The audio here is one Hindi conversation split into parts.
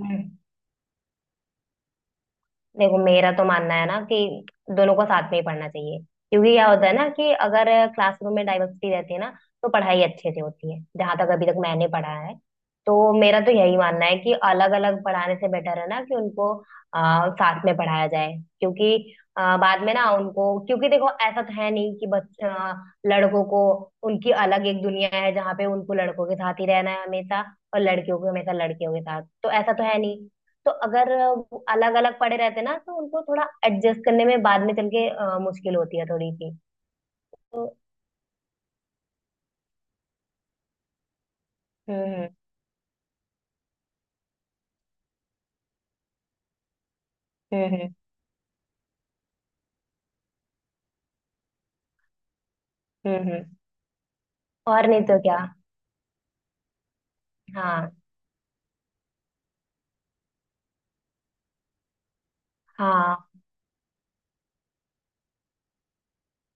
हम्म। देखो, मेरा तो मानना है ना कि दोनों को साथ में ही पढ़ना चाहिए, क्योंकि क्या होता है ना कि अगर क्लासरूम में डाइवर्सिटी रहती है ना, तो पढ़ाई अच्छे से होती है, जहां तक अभी तक मैंने पढ़ा है। तो मेरा तो यही मानना है कि अलग अलग पढ़ाने से बेटर है ना कि उनको साथ में पढ़ाया जाए, क्योंकि बाद में ना उनको, क्योंकि देखो, ऐसा तो है नहीं कि बच्चा, लड़कों को उनकी अलग एक दुनिया है जहाँ पे उनको लड़कों के साथ ही रहना है हमेशा, और लड़कियों को हमेशा लड़कियों के साथ, तो ऐसा तो है नहीं। तो अगर अलग अलग पड़े रहते ना, तो उनको थोड़ा एडजस्ट करने में बाद में चल के मुश्किल होती है थोड़ी सी। तो हम्म हम्म हम्म, और नहीं तो क्या। हाँ हाँ।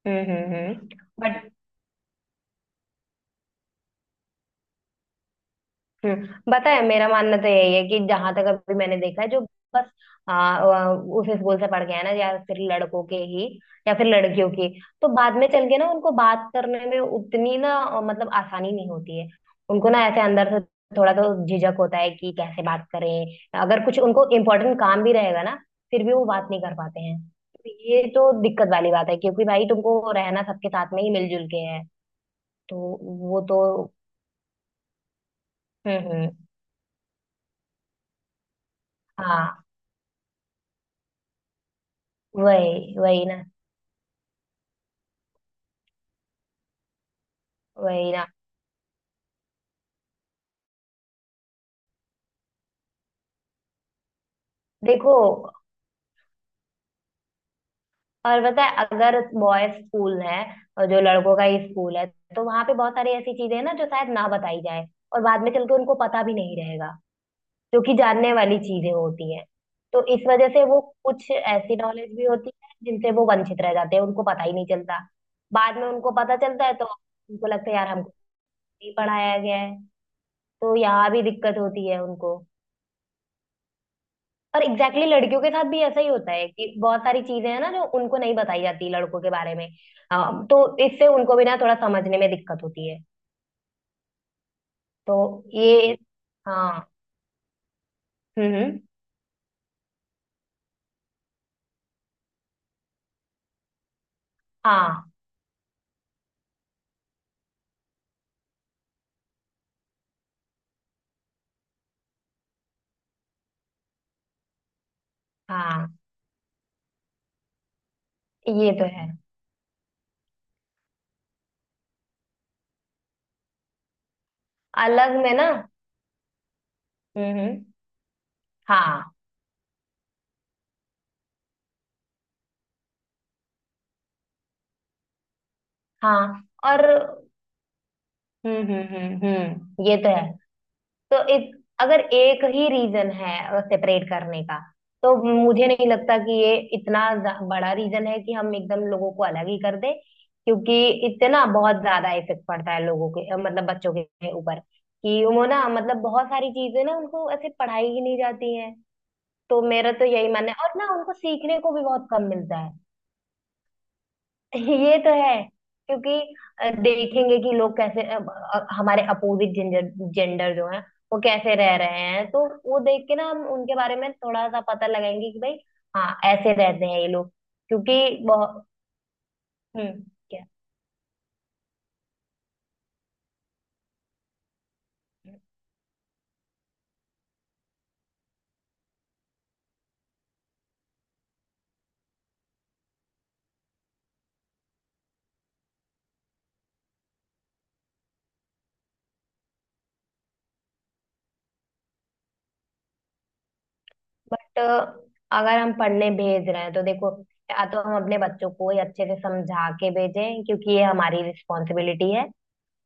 हम्म हम्म हम्म, बट बताए, मेरा मानना तो यही है कि जहां तक अभी मैंने देखा है जो बस आ, आ, उस स्कूल से पढ़ के आए ना, या फिर लड़कों के ही, या फिर लड़कियों की, तो बाद में चल के ना उनको बात करने में उतनी ना मतलब आसानी नहीं होती है। उनको ना ऐसे अंदर से थोड़ा तो झिझक होता है कि कैसे बात करें, अगर कुछ उनको इम्पोर्टेंट काम भी रहेगा ना, फिर भी वो बात नहीं कर पाते हैं, तो ये तो दिक्कत वाली बात है, क्योंकि भाई, तुमको रहना सबके साथ में ही मिलजुल के है। तो वो तो, हम्म, हाँ, वही वही ना, वही ना। देखो, और पता है, अगर बॉयज स्कूल है, और जो लड़कों का ही स्कूल है, तो वहां पे बहुत सारी ऐसी चीजें हैं ना जो शायद ना बताई जाए, और बाद में चल के उनको पता भी नहीं रहेगा, जो कि जानने वाली चीजें होती हैं। तो इस वजह से वो कुछ ऐसी नॉलेज भी होती है जिनसे वो वंचित रह जाते हैं, उनको पता ही नहीं चलता। बाद में उनको पता चलता है, तो उनको लगता है यार हमको नहीं पढ़ाया गया है। तो यहाँ भी दिक्कत होती है उनको। और एग्जैक्टली exactly लड़कियों के साथ भी ऐसा ही होता है, कि बहुत सारी चीजें हैं ना जो उनको नहीं बताई जाती लड़कों के बारे में। हाँ, तो इससे उनको भी ना थोड़ा समझने में दिक्कत होती है। तो ये, हाँ, हम्म हम्म, हाँ हाँ, ये तो है। अलग में ना, हम्म हम्म, हाँ हाँ, और हम्म, ये तो है। तो अगर एक ही रीजन है सेपरेट करने का, तो मुझे नहीं लगता कि ये इतना बड़ा रीजन है कि हम एकदम लोगों को अलग ही कर दे। क्योंकि इतना बहुत ज्यादा इफेक्ट पड़ता है लोगों के मतलब बच्चों के ऊपर, कि वो ना, मतलब बहुत सारी चीजें ना उनको ऐसे पढ़ाई ही नहीं जाती हैं। तो मेरा तो यही मानना है, और ना उनको सीखने को भी बहुत कम मिलता है। ये तो है। क्योंकि देखेंगे कि लोग कैसे हमारे अपोजिट जेंडर, जेंडर जो है, वो कैसे रह रहे हैं, तो वो देख के ना हम उनके बारे में थोड़ा सा पता लगाएंगे कि भाई, हाँ, ऐसे रहते हैं ये लोग। क्योंकि बहुत, हम्म, क्या, बट अगर हम पढ़ने भेज रहे हैं तो देखो, या तो हम अपने बच्चों को ही अच्छे से समझा के भेजें, क्योंकि ये हमारी रिस्पॉन्सिबिलिटी है,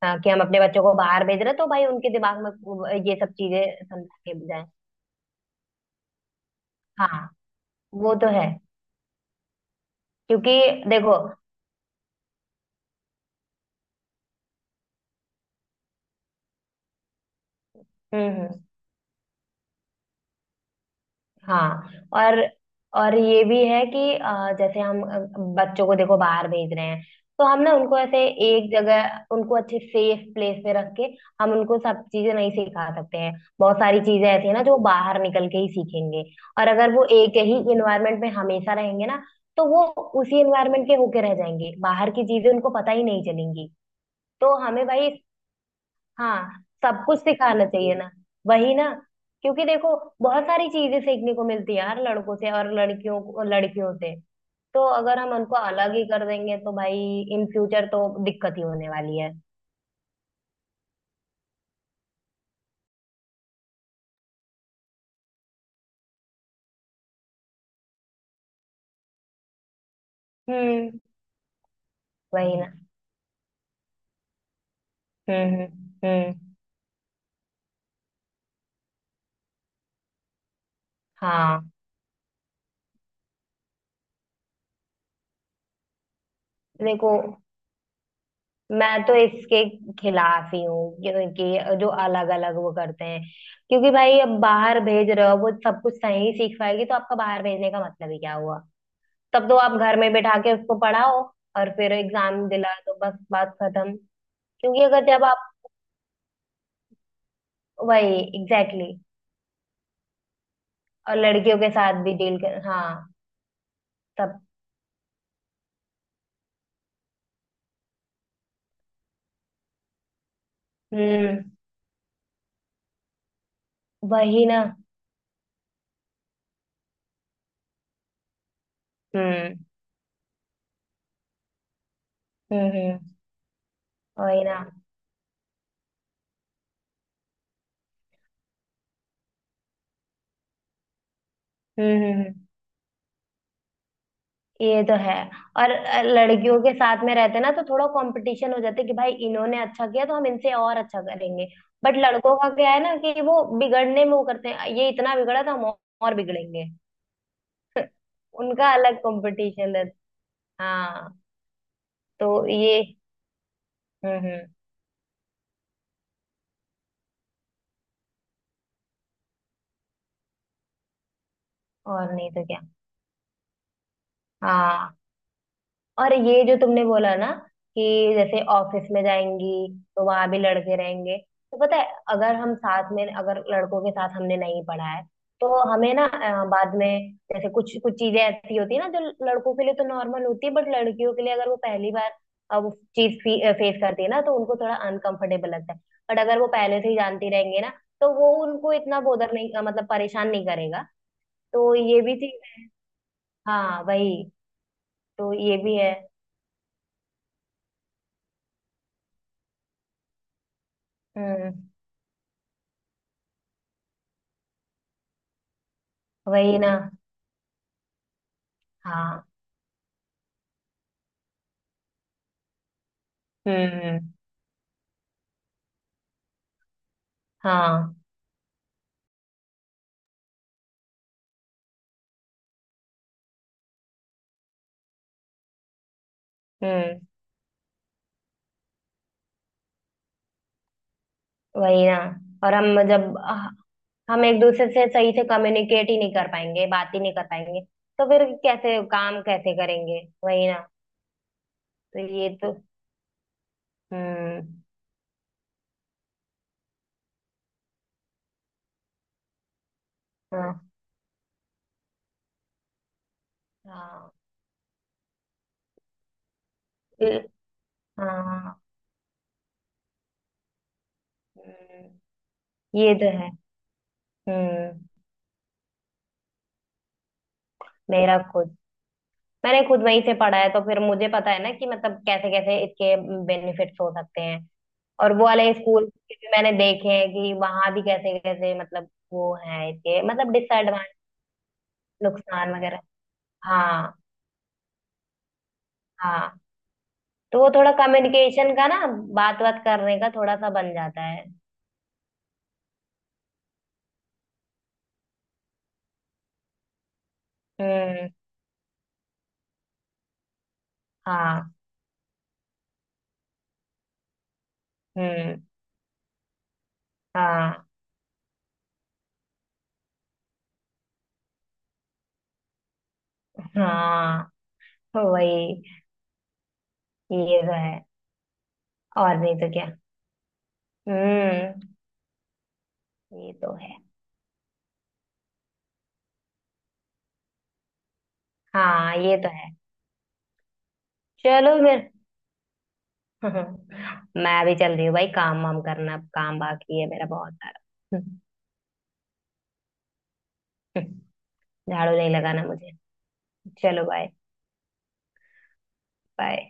कि हम अपने बच्चों को बाहर भेज रहे हैं तो भाई उनके दिमाग में ये सब चीजें समझा के जाएं। हाँ, वो तो है, क्योंकि देखो, हम्म हम्म, हाँ, और ये भी है कि जैसे हम बच्चों को देखो बाहर भेज रहे हैं, तो हम ना उनको ऐसे एक जगह, उनको अच्छे सेफ प्लेस में रख के, हम उनको सब चीजें नहीं सिखा सकते हैं। बहुत सारी चीजें ऐसी हैं ना जो बाहर निकल के ही सीखेंगे। और अगर वो एक ही इन्वायरमेंट में हमेशा रहेंगे ना, तो वो उसी इन्वायरमेंट के होके रह जाएंगे, बाहर की चीजें उनको पता ही नहीं चलेंगी। तो हमें भाई, हाँ, सब कुछ सिखाना चाहिए ना, वही ना, क्योंकि देखो, बहुत सारी चीजें सीखने को मिलती है यार, लड़कों से, और लड़कियों को लड़कियों से। तो अगर हम उनको अलग ही कर देंगे तो भाई, इन फ्यूचर तो दिक्कत ही होने वाली है। हम्म, वही ना, हम्म हम्म हम्म, हाँ। देखो, मैं तो इसके खिलाफ ही हूँ, क्योंकि जो अलग अलग वो करते हैं, क्योंकि भाई, अब बाहर भेज रहे हो, वो सब कुछ सही सीख पाएगी, तो आपका बाहर भेजने का मतलब ही क्या हुआ। तब तो आप घर में बैठा के उसको पढ़ाओ, और फिर एग्जाम दिला दो, बस बात खत्म। क्योंकि अगर जब आप, वही, एग्जैक्टली exactly, और लड़कियों के साथ भी डील कर, हाँ। तब, हम्म, वही ना, हम्म हम्म, वही ना, हम्म हम्म हम्म, ये तो है। और लड़कियों के साथ में रहते ना, तो थोड़ा कंपटीशन हो जाता है कि भाई, इन्होंने अच्छा किया, तो हम इनसे और अच्छा करेंगे। बट लड़कों का क्या है ना कि वो बिगड़ने में वो करते हैं, ये इतना बिगड़ा तो हम और बिगड़ेंगे। उनका अलग कंपटीशन। हाँ। तो ये, हम्म, और नहीं तो क्या, हाँ। और ये जो तुमने बोला ना कि जैसे ऑफिस में जाएंगी, तो वहां भी लड़के रहेंगे, तो पता है, अगर हम साथ में, अगर लड़कों के साथ हमने नहीं पढ़ा है, तो हमें ना बाद में, जैसे कुछ कुछ चीजें ऐसी होती है ना जो लड़कों के लिए तो नॉर्मल होती है, बट लड़कियों के लिए अगर वो पहली बार, अब वो चीज फेस करती है ना, तो उनको थोड़ा अनकंफर्टेबल लगता है। बट अगर वो पहले से ही जानती रहेंगे ना, तो वो उनको इतना बोधर नहीं, मतलब परेशान नहीं करेगा। तो ये भी चीज है। हाँ, वही, तो ये भी है। हम्म, वही ना, हाँ, हम्म, हाँ, हम्म, वही ना। और हम जब हम एक दूसरे से सही से कम्युनिकेट ही नहीं कर पाएंगे, बात ही नहीं कर पाएंगे, तो फिर कैसे काम कैसे करेंगे। वही ना। तो ये तो, हम्म, हाँ हाँ, ये- हाँ, हम्म, ये तो है, हम्म। मेरा खुद, मैंने खुद वहीं से पढ़ा है, तो फिर मुझे पता है ना कि मतलब कैसे कैसे इसके बेनिफिट्स हो सकते हैं। और वो वाले स्कूल के भी मैंने देखे हैं कि वहां भी कैसे कैसे, मतलब वो है इसके, मतलब डिसएडवांटेज, नुकसान वगैरह। हाँ, हाँ, तो वो थोड़ा कम्युनिकेशन का ना, बात बात करने का थोड़ा सा बन जाता है। हम्म, हाँ, हम्म, हाँ, हाँ, वही, ये तो है, और नहीं तो क्या, हम्म, ये तो है, हाँ, ये तो है। चलो फिर। मैं भी चल रही हूँ भाई, काम वाम करना, अब काम बाकी है मेरा बहुत सारा। झाड़ू नहीं लगाना मुझे। चलो, बाय। बाय।